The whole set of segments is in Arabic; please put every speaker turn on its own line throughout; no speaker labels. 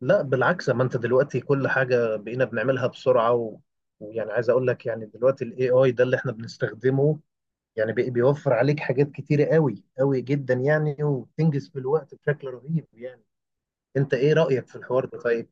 لا بالعكس، ما انت دلوقتي كل حاجة بقينا بنعملها بسرعة ويعني عايز اقول لك، يعني دلوقتي الاي اي ده اللي احنا بنستخدمه يعني بيوفر عليك حاجات كتيرة قوي قوي جدا يعني، وبتنجز في الوقت بشكل رهيب يعني. انت ايه رأيك في الحوار ده طيب؟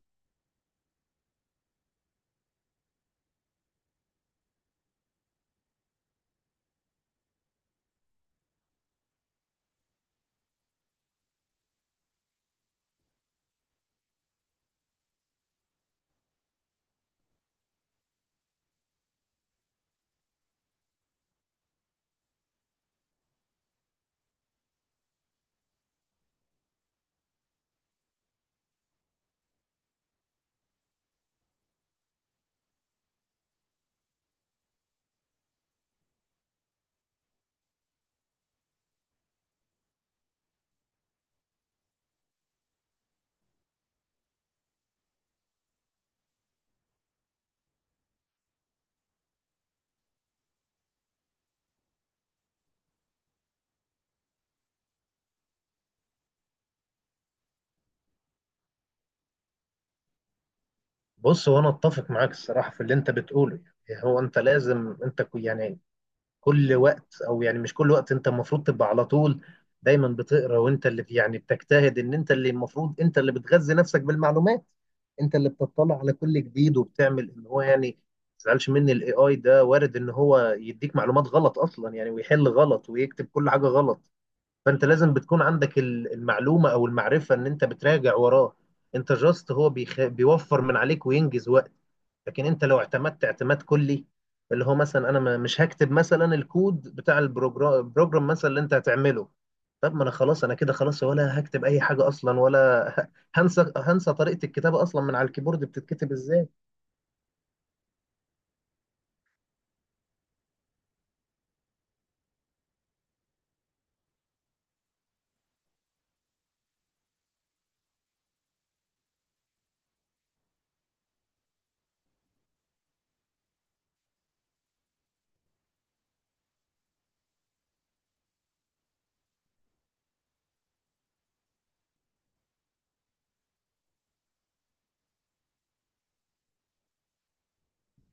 بص، وانا اتفق معاك الصراحة في اللي انت بتقوله. يعني هو انت لازم يعني كل وقت، او يعني مش كل وقت، انت المفروض تبقى على طول دايما بتقرا، وانت اللي يعني بتجتهد ان انت اللي المفروض انت اللي بتغذي نفسك بالمعلومات. انت اللي بتطلع على كل جديد، وبتعمل ان هو يعني ما تزعلش مني، الاي اي ده وارد ان هو يديك معلومات غلط اصلا يعني، ويحل غلط، ويكتب كل حاجه غلط. فانت لازم بتكون عندك المعلومه او المعرفه ان انت بتراجع وراه. انت جاست هو بيوفر من عليك وينجز وقت. لكن انت لو اعتمدت اعتماد كلي، اللي هو مثلا انا مش هكتب مثلا الكود بتاع البروجرام مثلا اللي انت هتعمله، طب ما انا خلاص انا كده خلاص، ولا هكتب اي حاجه اصلا، ولا ه- هنسى طريقه الكتابه اصلا من على الكيبورد بتتكتب ازاي.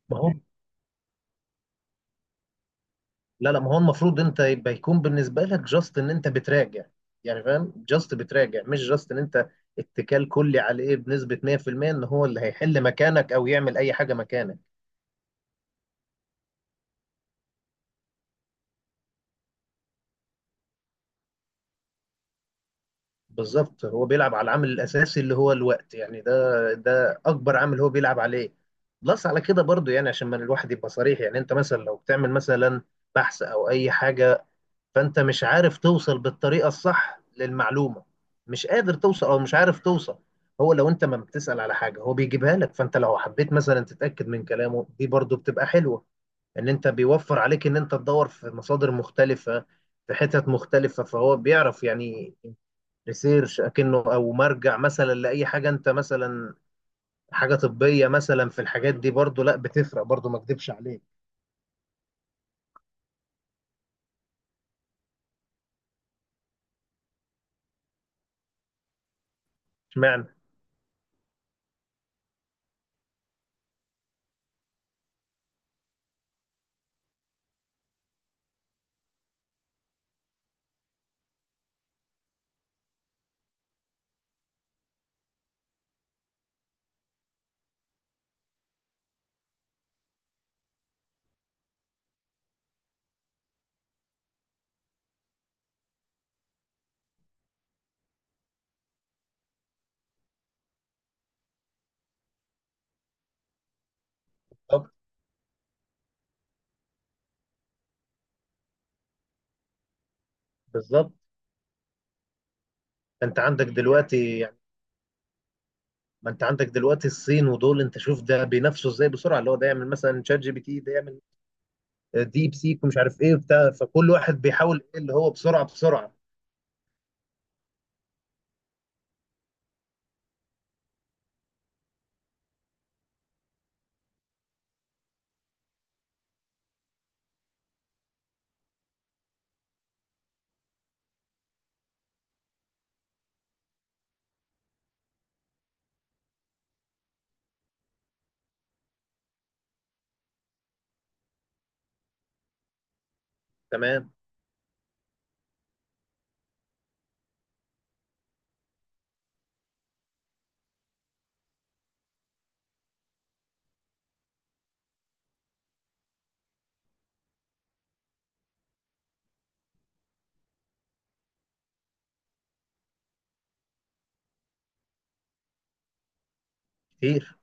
ما هو، لا ما هو المفروض انت يبقى يكون بالنسبه لك جاست ان انت بتراجع، يعني فاهم، جاست بتراجع، مش جاست ان انت اتكال كلي عليه بنسبه 100% ان هو اللي هيحل مكانك او يعمل اي حاجه مكانك. بالظبط، هو بيلعب على العامل الاساسي اللي هو الوقت، يعني ده اكبر عامل هو بيلعب عليه. بلس على كده برضو، يعني عشان ما الواحد يبقى صريح، يعني انت مثلا لو بتعمل مثلا بحث او اي حاجه، فانت مش عارف توصل بالطريقه الصح للمعلومه، مش قادر توصل او مش عارف توصل. هو لو انت ما بتسال على حاجه هو بيجيبها لك، فانت لو حبيت مثلا تتاكد من كلامه دي برضو بتبقى حلوه، ان انت بيوفر عليك ان انت تدور في مصادر مختلفه، في حتت مختلفه، فهو بيعرف يعني ريسيرش اكنه، او مرجع مثلا لاي حاجه، انت مثلا حاجه طبيه مثلا، في الحاجات دي برضو لا بتفرق برضو، ما اكدبش عليك. اشمعنى؟ طب، بالظبط. انت عندك دلوقتي يعني، ما انت عندك دلوقتي الصين ودول، انت شوف ده بينافسوا ازاي بسرعه، اللي هو ده يعمل مثلا شات جي بي تي، ده يعمل ديب سيك، ومش عارف ايه وبتاع، فكل واحد بيحاول ايه اللي هو بسرعه بسرعه. تمام. كتير.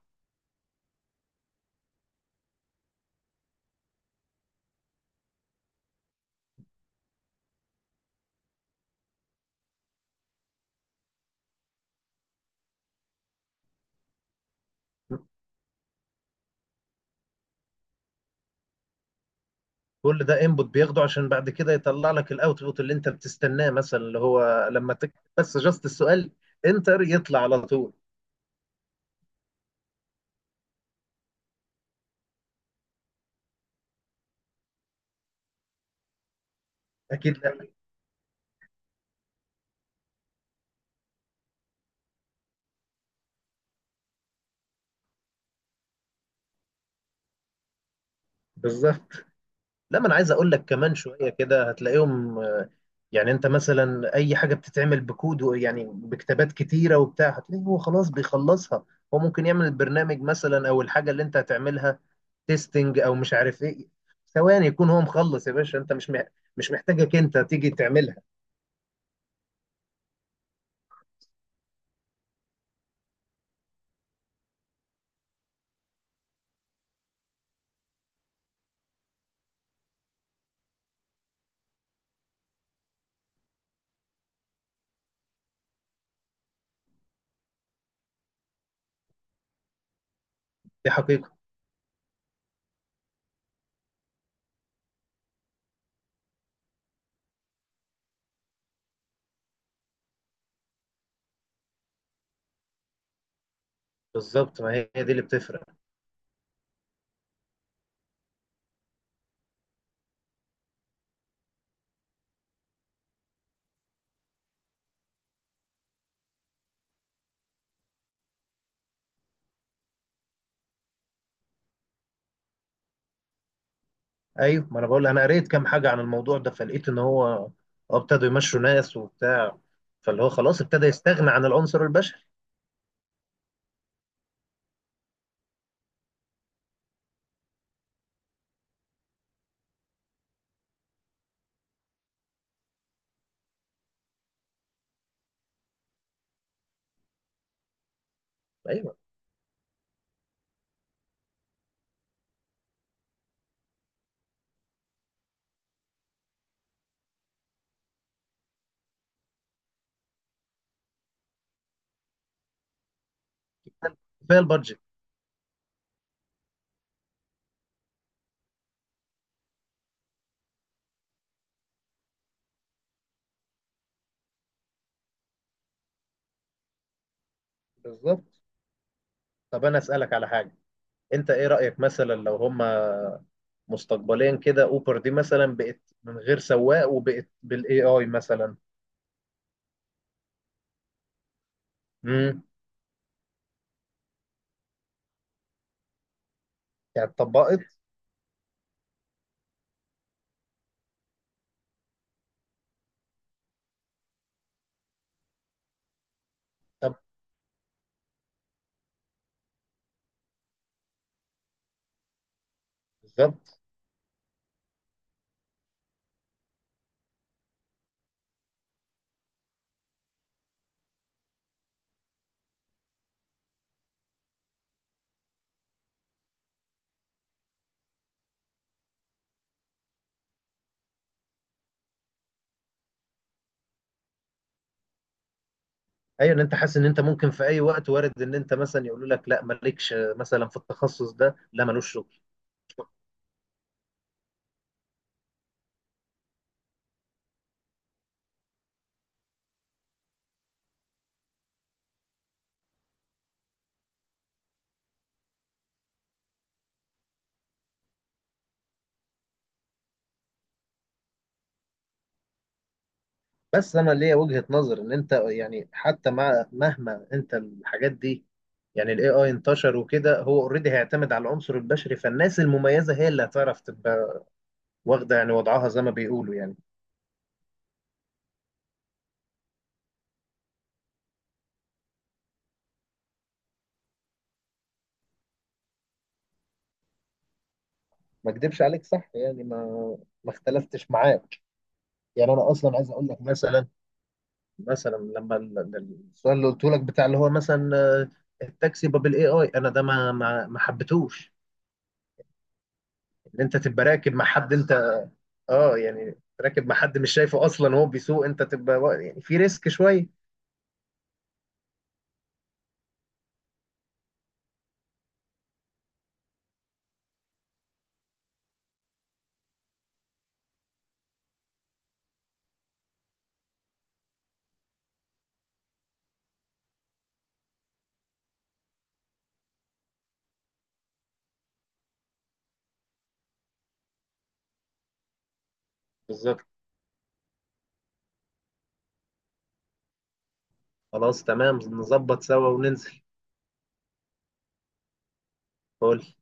كل ده انبوت بياخده عشان بعد كده يطلع لك الاوتبوت اللي انت بتستناه، مثلا اللي هو لما تكتب بس جاست السؤال انتر يطلع على طول. اكيد لا. بالظبط. لا، ما انا عايز اقول لك كمان شويه كده هتلاقيهم آه، يعني انت مثلا اي حاجه بتتعمل يعني بكتابات كتيره وبتاع، هتلاقيه هو خلاص بيخلصها. هو ممكن يعمل البرنامج مثلا، او الحاجه اللي انت هتعملها تيستنج او مش عارف ايه، ثواني يكون هو مخلص، يا باشا انت مش محتاجك انت تيجي تعملها. دي حقيقه. بالظبط، ما هي هي دي اللي بتفرق. ايوه، ما انا بقول انا قريت كام حاجه عن الموضوع ده، فلقيت ان هو ابتدوا يمشوا ناس وبتاع، فاللي هو خلاص ابتدى يستغنى عن العنصر البشري. ايوه، كفايه البادجت. بالظبط. طب انا اسالك على حاجه، انت ايه رايك مثلا لو هما مستقبليا كده اوبر دي مثلا بقت من غير سواق، وبقت بالاي اي مثلا؟ امم. يعني اتطبقت؟ طب. بالظبط. ايوه، ان انت حاسس ان انت ممكن في اي وقت وارد ان انت مثلا يقولوا لك لا مالكش مثلا في التخصص ده، لا ملوش شغل. بس انا ليا وجهة نظر ان انت يعني حتى مع مهما انت الحاجات دي، يعني الاي اي انتشر وكده، هو اوريدي هيعتمد على العنصر البشري، فالناس المميزة هي اللي هتعرف تبقى واخدة يعني وضعها زي ما بيقولوا يعني. ما اكدبش عليك صح يعني، ما اختلفتش معاك. يعني انا اصلا عايز اقول لك مثلا، مثلا لما السؤال اللي قلته لك بتاع اللي هو مثلا آه، التاكسي باب الاي اي، انا ده ما حبيتهوش، ان انت تبقى راكب مع حد انت. اه، يعني راكب مع حد مش شايفه اصلا وهو بيسوق، انت تبقى يعني في ريسك شويه. بالظبط. خلاص تمام، نظبط سوا وننزل. قول.